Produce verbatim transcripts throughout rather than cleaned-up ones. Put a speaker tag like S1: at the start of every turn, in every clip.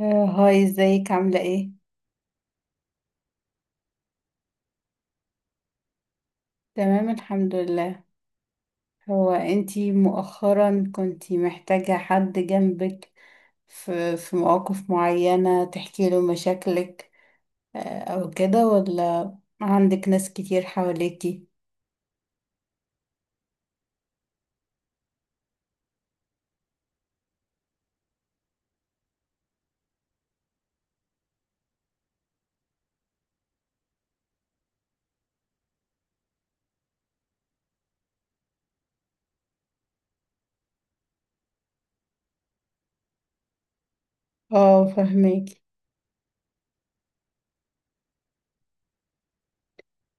S1: آه، هاي ازيك عاملة ايه؟ تمام الحمد لله. هو انتي مؤخرا كنتي محتاجة حد جنبك في, في مواقف معينة تحكي له مشاكلك، آه، او كده، ولا عندك ناس كتير حواليكي؟ اه فهميكي.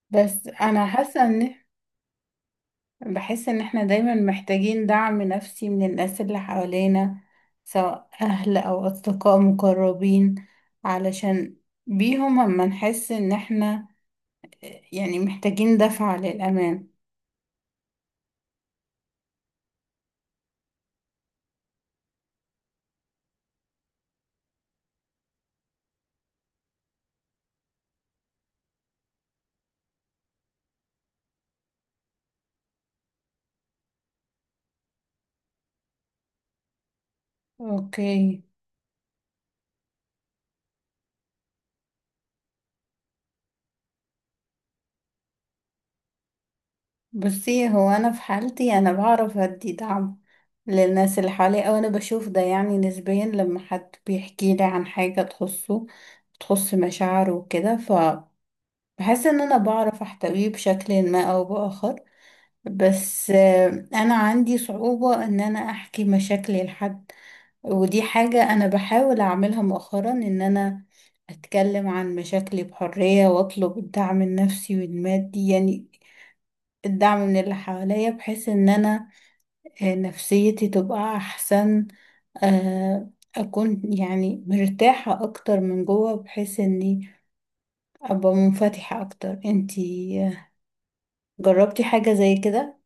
S1: بس انا حاسة ان بحس ان احنا دايما محتاجين دعم نفسي من الناس اللي حوالينا، سواء اهل او اصدقاء مقربين، علشان بيهم اما نحس ان احنا يعني محتاجين دفعة للأمان. اوكي. بصي، هو أنا في حالتي أنا بعرف أدي دعم للناس اللي حواليا، أو أنا بشوف ده يعني نسبيا لما حد بيحكي لي عن حاجة تخصه، تخص مشاعره وكده، فبحس إن أنا بعرف أحتويه بشكل ما أو بآخر. بس آه، انا عندي صعوبة ان انا احكي مشاكلي لحد، ودي حاجة انا بحاول اعملها مؤخرا، ان انا اتكلم عن مشاكلي بحرية واطلب الدعم النفسي والمادي، يعني الدعم من اللي حواليا، بحيث ان انا آه، نفسيتي تبقى احسن، آه، اكون يعني مرتاحة اكتر من جوه، بحيث اني ابقى منفتحة اكتر. انتي آه، جربتي حاجة زي كده؟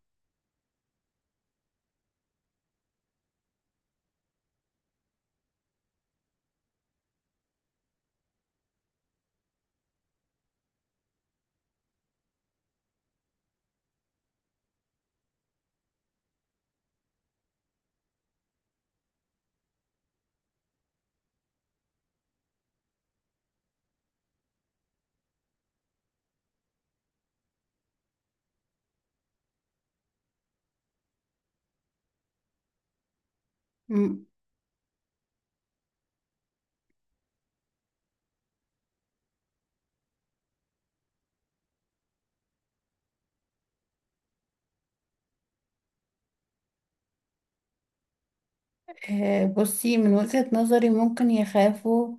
S1: آه، بصي، من وجهة نظري ممكن يخافوا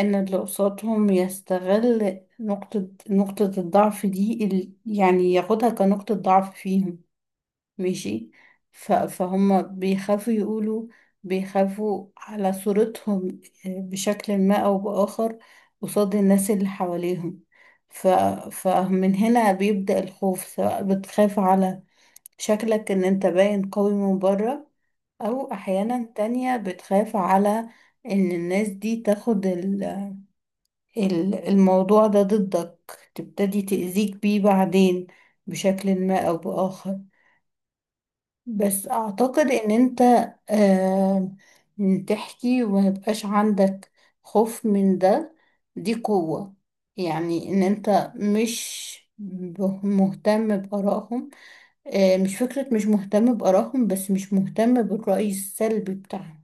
S1: ان اللي قصادهم يستغل نقطة نقطة الضعف دي، ال- يعني ياخدها كنقطة ضعف فيهم، ماشي. ف- فهم بيخافوا يقولوا، بيخافوا على صورتهم آه، بشكل ما او بآخر قصاد الناس اللي حواليهم. ف... فمن هنا بيبدأ الخوف، سواء بتخاف على شكلك ان انت باين قوي من بره، أو أحيانا تانية بتخاف على إن الناس دي تاخد ال- ال- الموضوع ده ضدك، تبتدي تأذيك بيه بعدين بشكل ما أو بآخر. بس أعتقد إن أنت آه تحكي وميبقاش عندك خوف من ده، دي قوة، يعني إن أنت مش ب- مهتم بآرائهم، آه مش فكرة مش مهتم بآرائهم، بس مش مهتم بالرأي السلبي بتاعهم.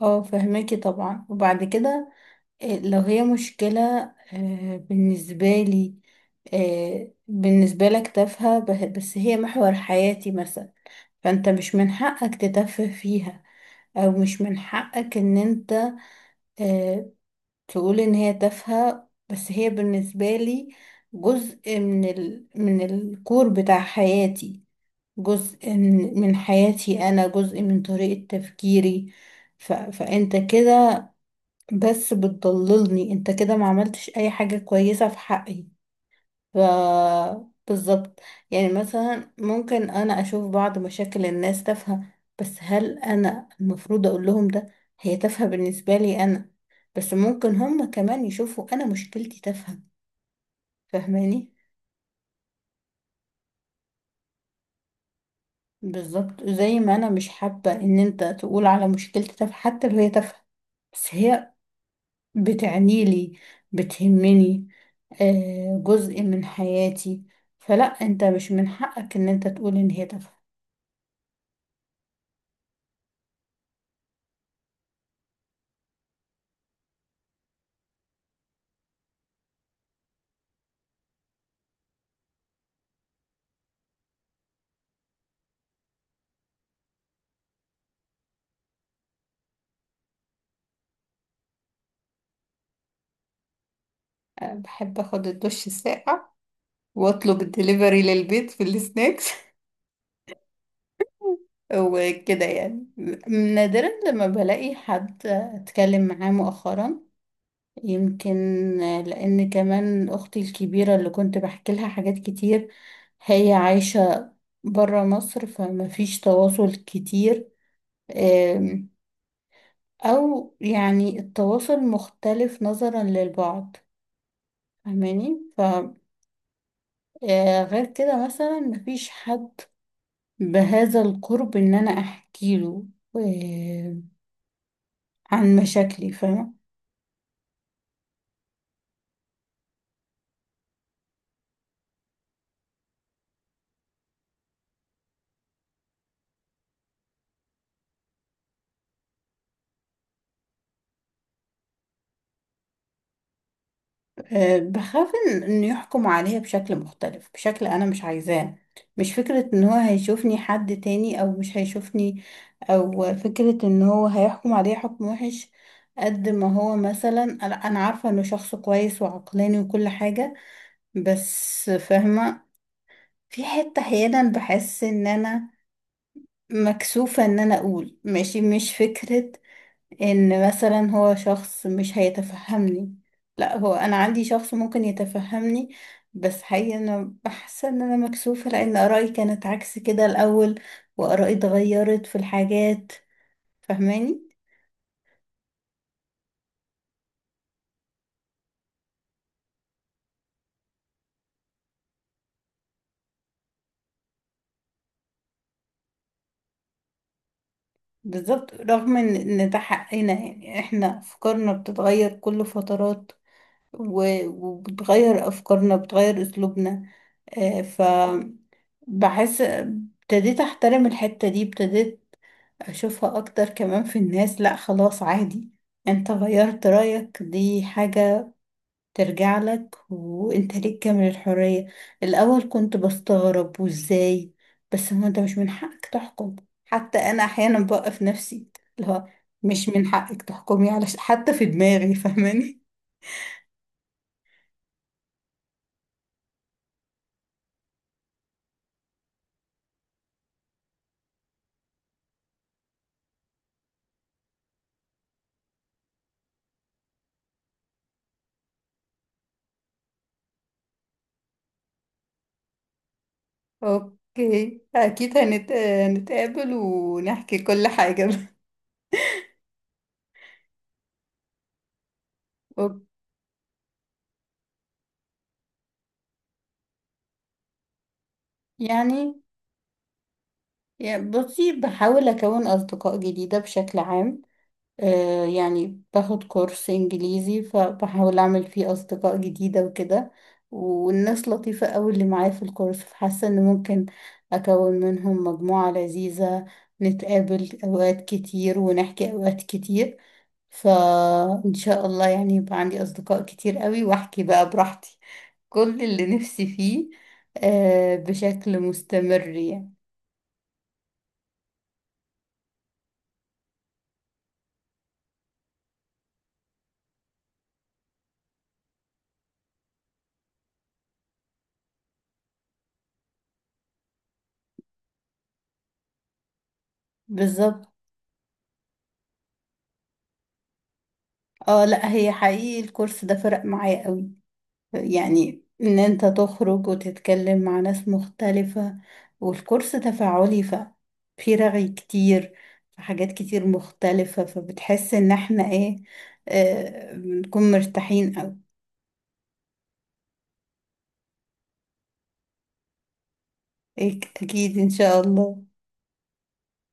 S1: اه فهماكي طبعا. وبعد كده آه، لو هي مشكلة آه، بالنسبة لي، آه، بالنسبة لك تافهة، به- بس هي محور حياتي مثلا، فانت مش من حقك تتفه فيها، او مش من حقك ان انت آه، تقول ان هي تافهة، بس هي بالنسبة لي جزء من ال... من الكور بتاع حياتي، جزء من من حياتي انا، جزء من طريقة تفكيري. ف... فانت كده بس بتضللني، انت كده ما عملتش اي حاجة كويسة في حقي. ف بالظبط. يعني مثلا ممكن انا اشوف بعض مشاكل الناس تافهة، بس هل انا المفروض اقول لهم ده؟ هي تافهة بالنسبة لي انا، بس ممكن هم كمان يشوفوا انا مشكلتي تافهة. فاهماني؟ بالظبط، زي ما انا مش حابة ان انت تقول على مشكلتي تافهة حتى لو هي تافهة، بس هي بتعنيلي، بتهمني، آه، جزء من حياتي، فلا انت مش من حقك ان انت تقول ان هي تافهة. أه، بحب اخد الدش الساقع واطلب الدليفري للبيت في السناكس. وكده يعني، نادرا لما بلاقي حد اتكلم معاه مؤخرا، يمكن آه، لان كمان اختي الكبيرة اللي كنت بحكي لها حاجات كتير هي عايشة برا مصر، فما فيش تواصل كتير، او يعني التواصل مختلف نظرا للبعض. فاهماني؟ ف آه، غير كده مثلا مفيش حد بهذا القرب ان انا احكي له آه، عن مشاكلي، فاهمة؟ آه، بخاف ان إن يحكم عليا بشكل مختلف، بشكل انا مش عايزاه. مش فكرة ان هو هيشوفني حد تاني او مش هيشوفني، او فكرة ان هو هيحكم عليا حكم وحش. قد ما هو مثلا انا أنا عارفة انه شخص كويس وعقلاني وكل حاجة، بس فاهمة، في حتة أحيانا بحس إن أنا مكسوفة إن أنا أقول. ماشي، مش فكرة إن مثلا هو شخص مش هيتفهمني، لا هو أنا عندي شخص ممكن يتفهمني، بس حقيقة أنا بحس إن أنا مكسوفة لأن آرائي كانت عكس كده الأول، وآرائي اتغيرت في الحاجات. فاهماني؟ بالظبط، رغم إن إن ده حقنا، يعني إحنا أفكارنا بتتغير كل فترات، و- وبتغير أفكارنا بتغير أسلوبنا، آه، ف بحس ابتديت احترم الحتة دي، ابتديت اشوفها اكتر كمان في الناس. لا خلاص عادي، انت غيرت رأيك، دي حاجة ترجع لك وانت ليك كامل الحرية. الاول كنت بستغرب، وازاي؟ بس هو انت مش من حقك تحكم. حتى انا احيانا بوقف نفسي، اللي هو مش من حقك تحكمي على ش- حتى في دماغي. فاهماني؟ اوكي اكيد هنت... هنتقابل ونحكي كل حاجة. اوكي. يعني يعني بصي، بحاول أكون أصدقاء جديدة بشكل عام. آه يعني باخد كورس إنجليزي، فبحاول أعمل فيه أصدقاء جديدة وكده، والناس لطيفة أوي اللي معايا في الكورس، فحاسة إن ممكن أكون منهم مجموعة لذيذة، نتقابل أوقات كتير ونحكي أوقات كتير. فإن شاء الله يعني يبقى عندي أصدقاء كتير أوي وأحكي بقى براحتي كل اللي نفسي فيه، آه بشكل مستمر يعني. بالظبط اه. لا هي حقيقي الكورس ده فرق معايا قوي، يعني ان انت تخرج وتتكلم مع ناس مختلفة، والكورس تفاعلي، ف في رغي كتير، في حاجات كتير مختلفة، فبتحس ان احنا ايه، آه بنكون مرتاحين قوي. إيه، اكيد ان شاء الله.